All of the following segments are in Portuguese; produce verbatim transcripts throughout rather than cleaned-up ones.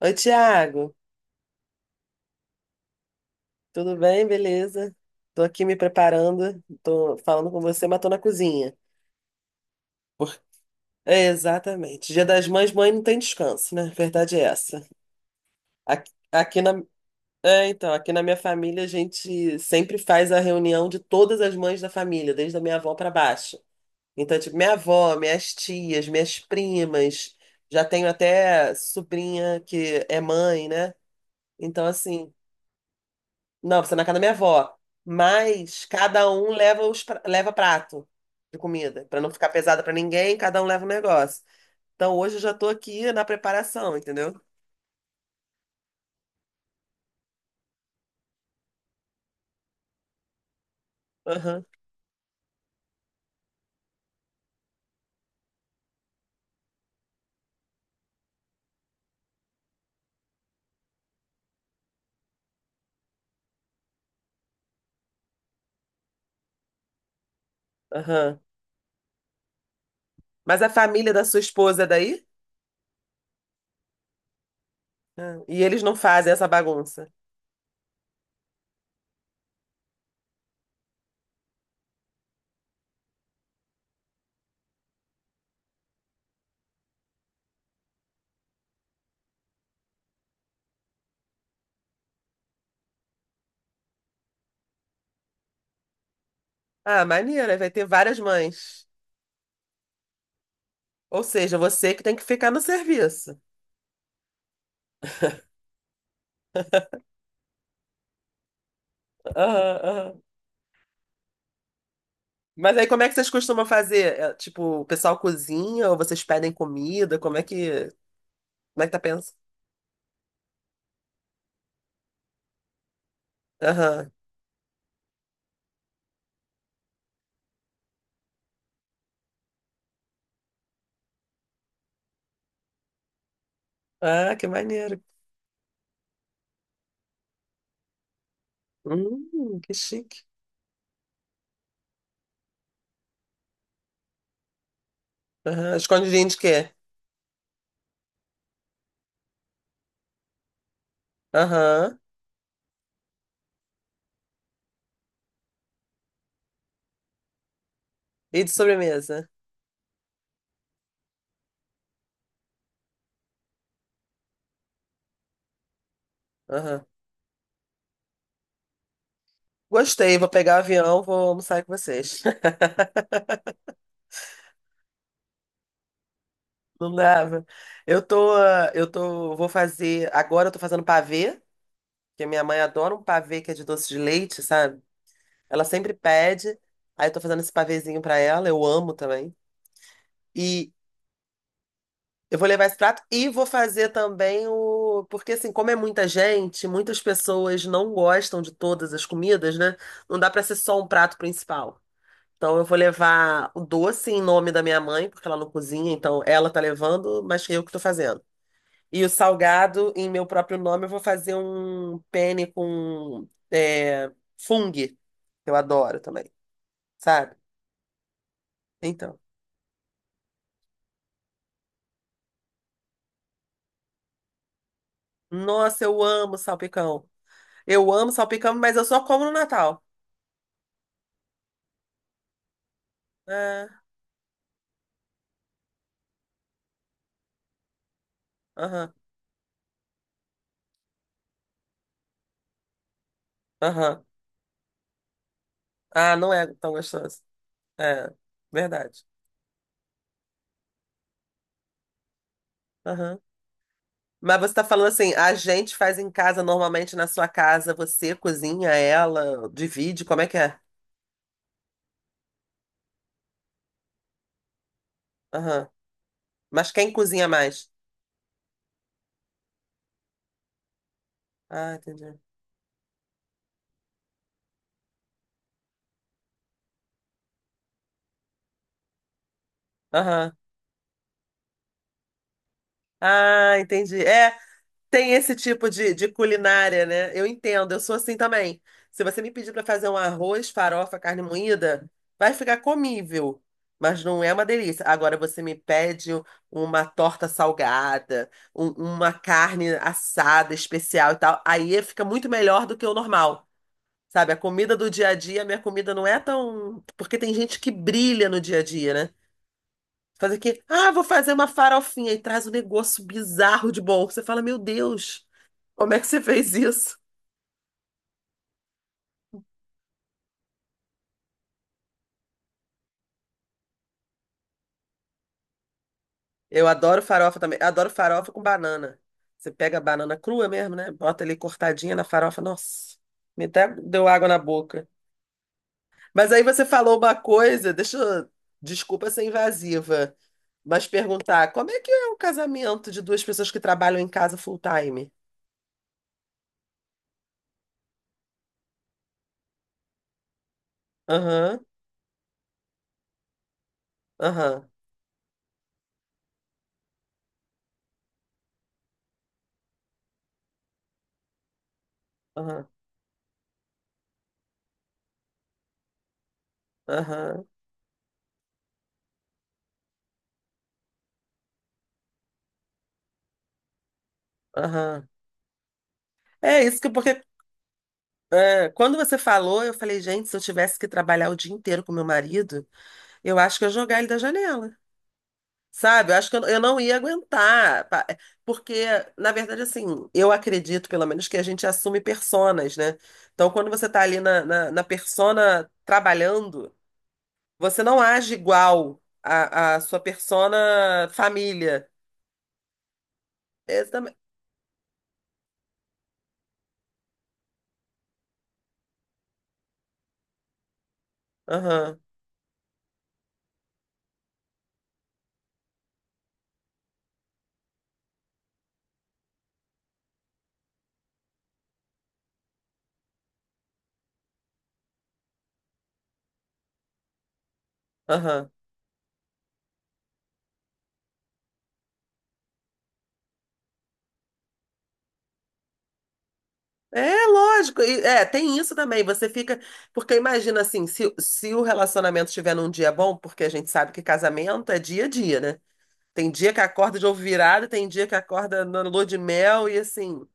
Oi, Tiago, tudo bem? Beleza? Tô aqui me preparando, tô falando com você, mas tô na cozinha. Por- É, exatamente. Dia das Mães, mãe não tem descanso, né? Verdade é essa. Aqui, aqui na, é, então, Aqui na minha família a gente sempre faz a reunião de todas as mães da família, desde a minha avó pra baixo. Então, tipo, minha avó, minhas tias, minhas primas, já tenho até sobrinha que é mãe, né? Então, assim, não, você ir na casa da minha avó. Mas cada um leva os pra- leva prato de comida, pra não ficar pesada pra ninguém, cada um leva um negócio. Então hoje eu já tô aqui na preparação, entendeu? Aham, aham. Mas a família da sua esposa é daí? Ah, e eles não fazem essa bagunça. Ah, maneiro, aí vai ter várias mães. Ou seja, você que tem que ficar no serviço. Aham, aham. Mas aí como é que vocês costumam fazer? É, tipo, o pessoal cozinha ou vocês pedem comida? Como é que, como é que tá pensando? Ah, que maneiro. Hum, que chique. Aham. Escondidinho de quê? Aham. E de sobremesa? Aham. Gostei, vou pegar o avião, vou almoçar com vocês. Não dava. Eu tô, ah, eu tô, vou fazer, agora eu tô fazendo pavê, porque minha mãe adora um pavê que é de doce de leite, sabe? Ela sempre pede, aí eu tô fazendo esse pavêzinho pra ela, eu amo também. E, Eu vou levar esse prato e vou fazer também o. Porque, assim, como é muita gente, muitas pessoas não gostam de todas as comidas, né? Não dá pra ser só um prato principal. Então, eu vou levar o doce em nome da minha mãe, porque ela não cozinha, então ela tá levando, mas eu que tô fazendo. E o salgado, em meu próprio nome, eu vou fazer um penne com é, fung, que eu adoro também, sabe? Então. Nossa, eu amo salpicão. Eu amo salpicão, mas eu só como no Natal. É. Aham, aham. Ah, não é tão gostoso. É, verdade. Aham. Mas você tá falando assim, a gente faz em casa, normalmente na sua casa, você cozinha, ela divide, como é que é? Aham. Mas quem cozinha mais? Ah, entendi. Aham. Ah, entendi. É, tem esse tipo de, de culinária, né? Eu entendo, eu sou assim também. Se você me pedir para fazer um arroz, farofa, carne moída, vai ficar comível, mas não é uma delícia. Agora você me pede uma torta salgada, um- uma carne assada especial e tal, aí fica muito melhor do que o normal. Sabe, a comida do dia a dia, a minha comida não é tão. Porque tem gente que brilha no dia a dia, né? Faz aqui, ah, vou fazer uma farofinha e traz um negócio bizarro de bom. Você fala, meu Deus. Como é que você fez isso? Eu adoro farofa também. Eu adoro farofa com banana. Você pega a banana crua mesmo, né? Bota ali cortadinha na farofa. Nossa, me até deu água na boca. Mas aí você falou uma coisa, deixa eu... Desculpa ser invasiva, mas perguntar, como é que é um casamento de duas pessoas que trabalham em casa full time? Aham, aham, aham, aham, aham. É isso que porque é, quando você falou, eu falei, gente, se eu tivesse que trabalhar o dia inteiro com meu marido, eu acho que eu jogar ele da janela, sabe? Eu acho que eu, eu não ia aguentar, pa- é, porque, na verdade, assim, eu acredito, pelo menos, que a gente assume personas, né? Então, quando você tá ali na, na, na persona trabalhando, você não age igual a, a sua persona família. Esse também. Aham, aham. É lógico, e- é, tem isso também. Você fica. Porque imagina assim, se, se o relacionamento estiver num dia bom, porque a gente sabe que casamento é dia a dia, né? Tem dia que acorda de ovo virado, tem dia que acorda na lua de mel, e assim,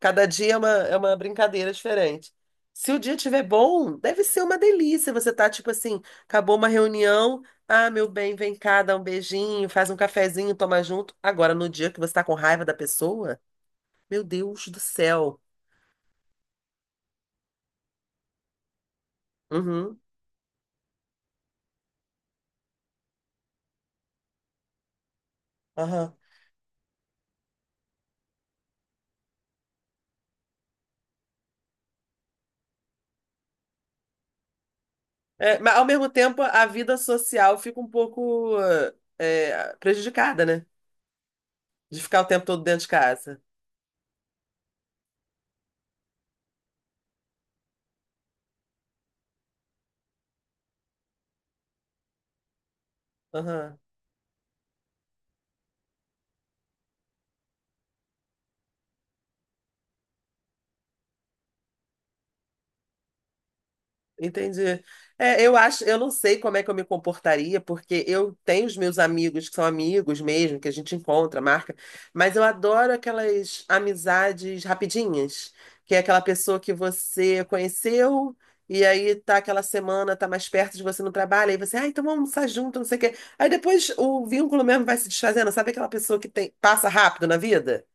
cada dia é uma, é uma brincadeira diferente. Se o dia estiver bom, deve ser uma delícia. Você tá tipo assim, acabou uma reunião, ah, meu bem, vem cá, dá um beijinho, faz um cafezinho, toma junto. Agora, no dia que você tá com raiva da pessoa, meu Deus do céu. Uhum, aham. É, mas ao mesmo tempo, a vida social fica um pouco eh, eh, prejudicada, né? De ficar o tempo todo dentro de casa. Aham. Entendi. É, eu acho, eu não sei como é que eu me comportaria, porque eu tenho os meus amigos que são amigos mesmo, que a gente encontra, marca, mas eu adoro aquelas amizades rapidinhas, que é aquela pessoa que você conheceu e aí tá aquela semana, tá mais perto de você no trabalho, aí você, ah, então vamos almoçar junto, não sei o quê. Aí depois o vínculo mesmo vai se desfazendo, sabe aquela pessoa que tem, passa rápido na vida?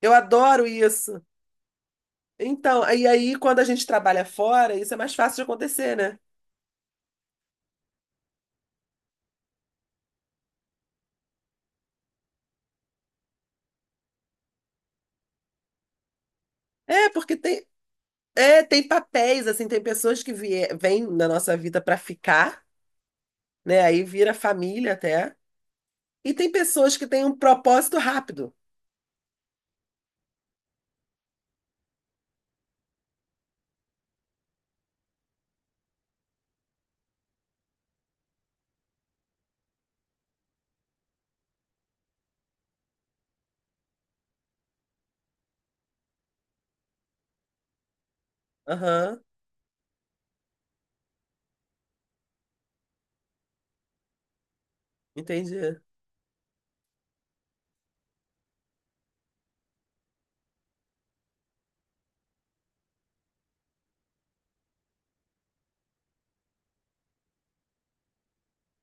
Eu adoro isso. Então, e aí quando a gente trabalha fora, isso é mais fácil de acontecer, né? É, porque tem, é, tem papéis, assim, tem pessoas que vie- vêm na nossa vida para ficar, né? Aí vira família até. E tem pessoas que têm um propósito rápido. Aham, entendi.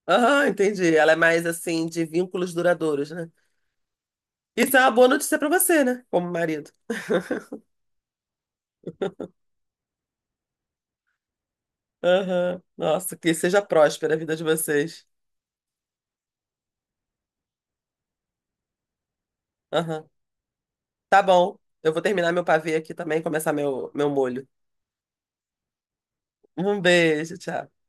Aham, entendi. Ela é mais, assim, de vínculos duradouros, né? Isso é uma boa notícia para você, né? Como marido. Aham, nossa, que seja próspera a vida de vocês. Aham, tá bom. Eu vou terminar meu pavê aqui também e começar meu, meu molho. Um beijo, tchau.